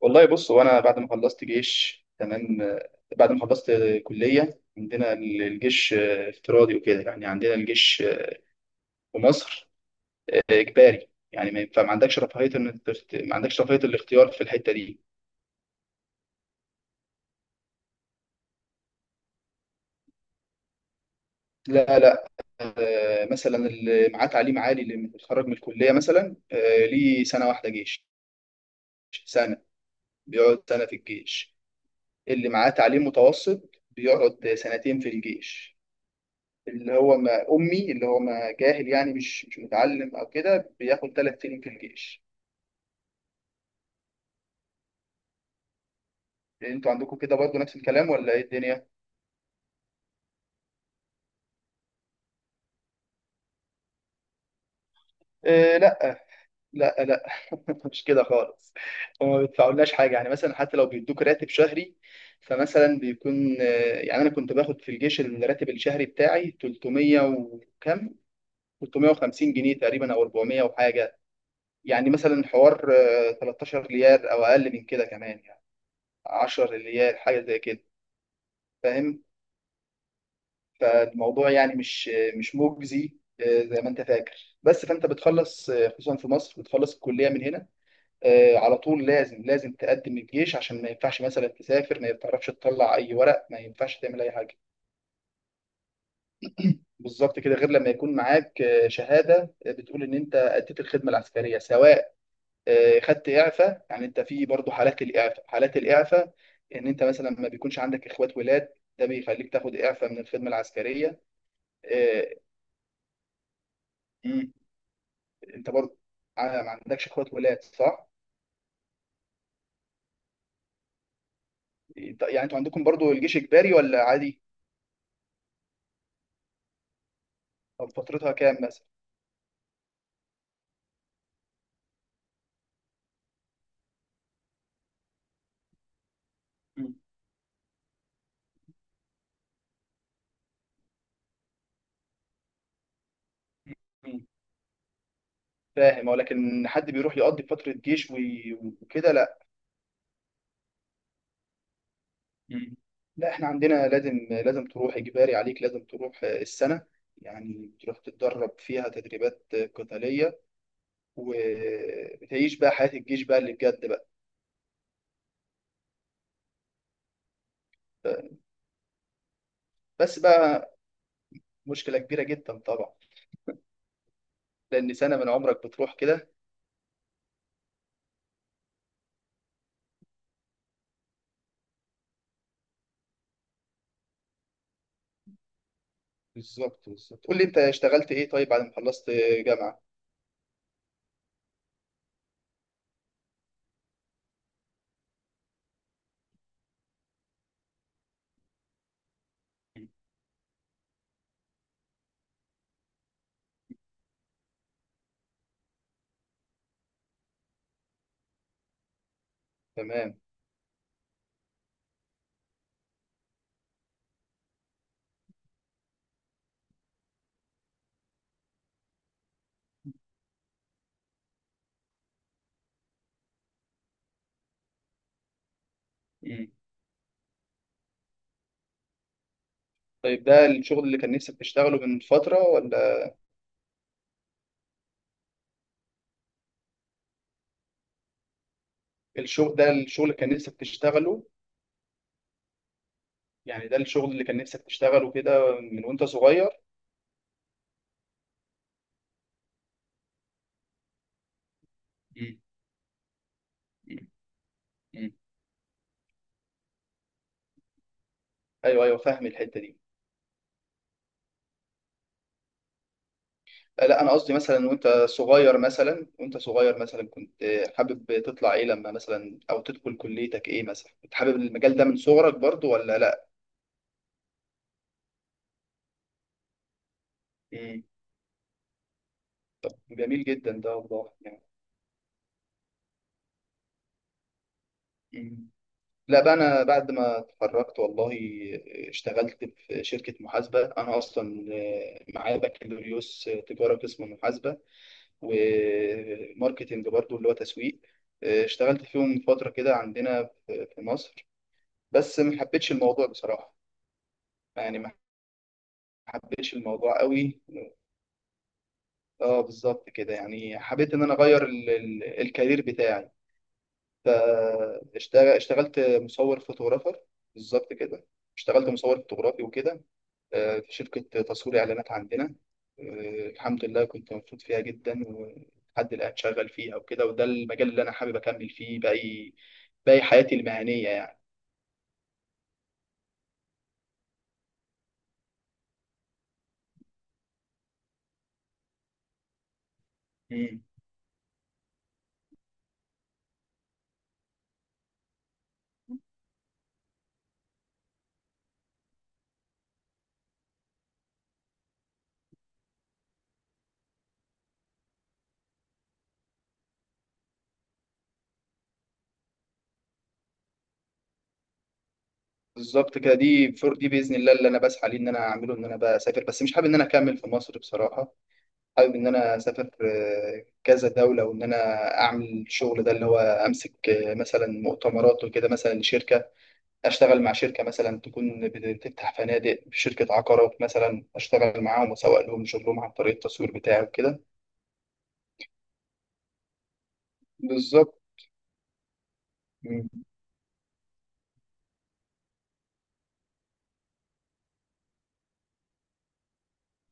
والله، بص هو انا بعد ما خلصت جيش تمام. بعد ما خلصت كليه. عندنا الجيش افتراضي وكده، يعني عندنا الجيش في مصر اجباري، يعني ما ينفع. ما عندكش رفاهيه الاختيار في الحته دي. لا، لا. مثلا اللي معاه تعليم عالي، اللي متخرج من الكليه مثلا، ليه سنه واحده جيش. سنه، بيقعد سنه في الجيش. اللي معاه تعليم متوسط بيقعد سنتين في الجيش. اللي هو ما أمي، اللي هو ما جاهل، يعني مش متعلم أو كده، بياخد ثلاث سنين في الجيش. يعني أنتوا عندكم كده برضه نفس الكلام ولا إيه الدنيا؟ إيه، لا، لا، لا. مش كده خالص. وما بيدفعولناش حاجة، يعني مثلا حتى لو بيدوك راتب شهري، فمثلا بيكون يعني أنا كنت باخد في الجيش الراتب الشهري بتاعي 300 وكم، 350 جنيه تقريبا، أو 400 وحاجة. يعني مثلا حوار 13 ريال أو أقل من كده كمان يعني، 10 ريال حاجة زي كده. فاهم. فالموضوع يعني مش مجزي زي ما انت فاكر. بس فانت بتخلص خصوصا في مصر، بتخلص الكليه من هنا على طول لازم تقدم الجيش، عشان ما ينفعش مثلا تسافر، ما تعرفش تطلع اي ورق، ما ينفعش تعمل اي حاجه. بالظبط كده. غير لما يكون معاك شهاده بتقول ان انت اديت الخدمه العسكريه، سواء خدت اعفاء. يعني انت في برضه حالات الاعفاء. حالات الاعفاء ان انت مثلا ما بيكونش عندك اخوات ولاد، ده بيخليك تاخد اعفاء من الخدمه العسكريه. انت برضه، ما عندكش اخوات ولاد، صح؟ يعني انتوا عندكم برضه الجيش اجباري ولا عادي؟ او فترتها كام مثلا؟ مم. مم. فاهم. اه، لكن حد بيروح يقضي فترة جيش وكده؟ لا. مم. لا، احنا عندنا لازم تروح، اجباري عليك لازم تروح السنة. يعني تروح تتدرب فيها تدريبات قتالية، وبتعيش بقى حياة الجيش بقى اللي بجد بقى. بس بقى، مشكلة كبيرة جدا طبعا. لأن سنة من عمرك بتروح كده. بالظبط، بالظبط. قول لي، انت اشتغلت ايه طيب بعد ما خلصت جامعة؟ تمام. مم. طيب، ده الشغل اللي كان نفسك تشتغله من فترة ولا؟ الشغل ده الشغل اللي كان نفسك تشتغله؟ يعني ده الشغل اللي كان نفسك تشتغله كده من وانت صغير؟ مم. مم. مم. ايوه، ايوه، فاهم الحتة دي. لا، انا قصدي مثلا وانت صغير، مثلا وانت صغير، مثلا كنت حابب تطلع ايه لما مثلا او تدخل كليتك ايه، مثلا كنت حابب المجال ده من صغرك برضو ولا لا؟ مم. جميل جدا ده، والله يعني. مم. لا بقى، انا بعد ما اتخرجت والله اشتغلت في شركه محاسبه. انا اصلا معايا بكالوريوس تجاره قسم محاسبه وماركتنج برضو، اللي هو تسويق. اشتغلت فيهم فتره كده عندنا في مصر. بس ما حبيتش الموضوع بصراحه. يعني ما حبيتش الموضوع قوي. اه، بالظبط كده. يعني حبيت ان انا اغير الكارير بتاعي. فاشتغلت مصور فوتوغرافر. بالظبط كده. اشتغلت مصور فوتوغرافي وكده في شركة تصوير إعلانات عندنا. الحمد لله كنت مبسوط فيها جدا، ولحد الآن شغال فيها وكده. وده المجال اللي أنا حابب أكمل فيه باقي حياتي المهنية يعني. مم. بالظبط كده. دي فور دي، بإذن الله اللي أنا بسعى ليه، إن أنا أعمله إن أنا بقى أسافر. بس مش حابب إن أنا أكمل في مصر بصراحة. حابب إن أنا أسافر كذا دولة، وإن أنا أعمل الشغل ده اللي هو أمسك مثلا مؤتمرات وكده مثلا لشركة. اشتغل مع شركه مثلا تكون بتفتح فنادق، شركه عقارات مثلا، اشتغل معاهم واسوق لهم شغلهم عن طريق التصوير بتاعي وكده. بالظبط. مم.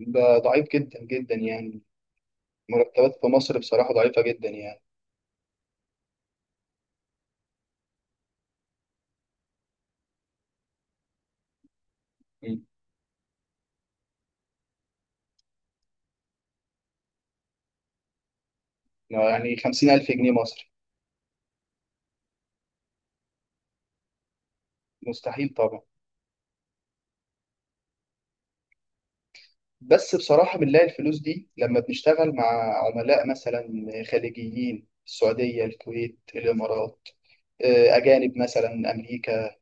ده ضعيف جدا جدا يعني. مرتبات في مصر بصراحه ضعيفه جدا يعني. مم. يعني 50000 ألف جنيه مصري. مستحيل طبعا. بس بصراحه بنلاقي الفلوس دي لما بنشتغل مع عملاء مثلا خليجيين، السعوديه، الكويت، الامارات، اجانب مثلا، امريكا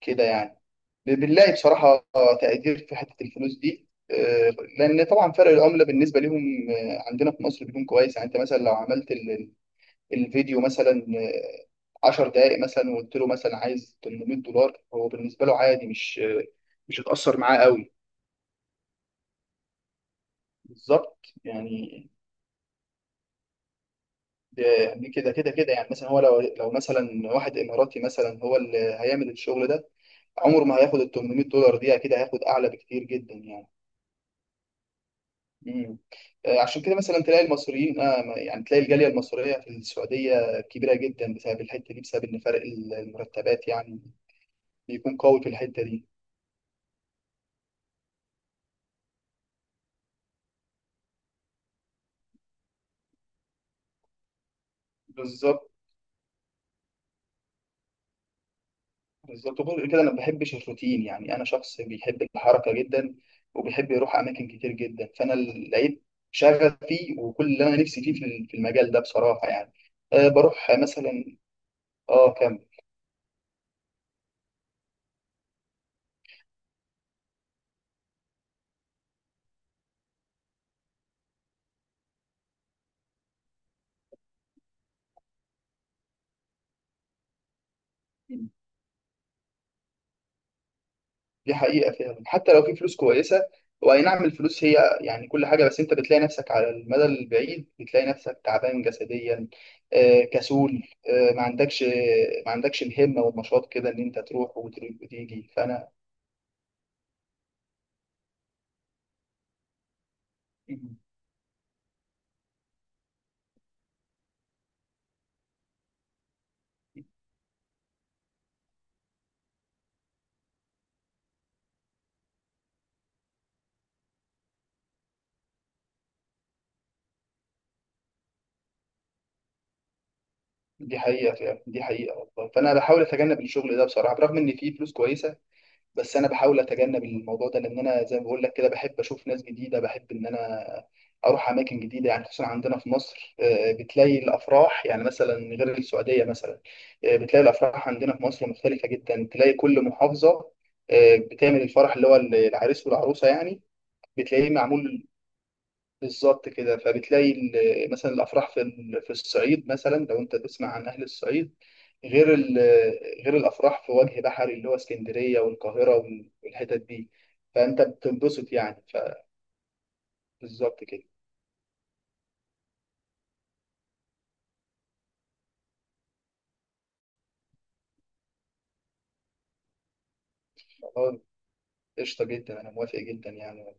كده يعني. بالله، بصراحة تقدير في حتة الفلوس دي لأن طبعا فرق العملة بالنسبة لهم عندنا في مصر بيكون كويس. يعني أنت مثلا لو عملت الفيديو مثلا 10 دقائق مثلا، وقلت له مثلا عايز 800 دولار، هو بالنسبة له عادي، مش مش هتأثر معاه قوي. بالظبط يعني. ده يعني كده كده كده، يعني مثلا هو لو مثلا واحد إماراتي مثلا، هو اللي هيعمل الشغل ده، عمره ما هياخد ال 800 دولار دي، أكيد هياخد أعلى بكتير جدا يعني. مم. عشان كده مثلا تلاقي المصريين، آه يعني تلاقي الجالية المصرية في السعودية كبيرة جدا بسبب الحتة دي، بسبب إن فرق المرتبات يعني بيكون قوي في الحتة دي. بالظبط، بالظبط. وغير كده أنا ما بحبش الروتين، يعني أنا شخص بيحب الحركة جدا وبيحب يروح أماكن كتير جدا. فأنا لقيت شغف فيه وكل اللي أنا نفسي فيه في في المجال ده بصراحة يعني. آه بروح مثلا. آه كمل. دي حقيقة فعلا، حتى لو في فلوس كويسة. هو أي نعم، الفلوس هي يعني كل حاجة، بس أنت بتلاقي نفسك على المدى البعيد بتلاقي نفسك تعبان جسديا، كسول، آه، ما عندكش ما عندكش الهمة والنشاط كده إن أنت تروح وتروح وتيجي. فأنا دي حقيقة فعلا، دي حقيقة والله. فأنا بحاول أتجنب الشغل ده بصراحة، برغم إن فيه فلوس كويسة. بس انا بحاول اتجنب الموضوع ده، لان انا زي ما بقول لك كده، بحب اشوف ناس جديده، بحب ان انا اروح اماكن جديده يعني. خصوصا عندنا في مصر، بتلاقي الافراح، يعني مثلا غير السعوديه مثلا، بتلاقي الافراح عندنا في مصر مختلفه جدا. تلاقي كل محافظه بتعمل الفرح اللي هو العريس والعروسه يعني، بتلاقيه معمول بالظبط كده. فبتلاقي مثلا الافراح في في الصعيد مثلا، لو انت تسمع عن اهل الصعيد، غير غير الافراح في وجه بحري اللي هو اسكندريه والقاهره والحتت دي. فانت بتنبسط يعني. فبالظبط كده. والله قشطه جدا، انا موافق جدا يعني.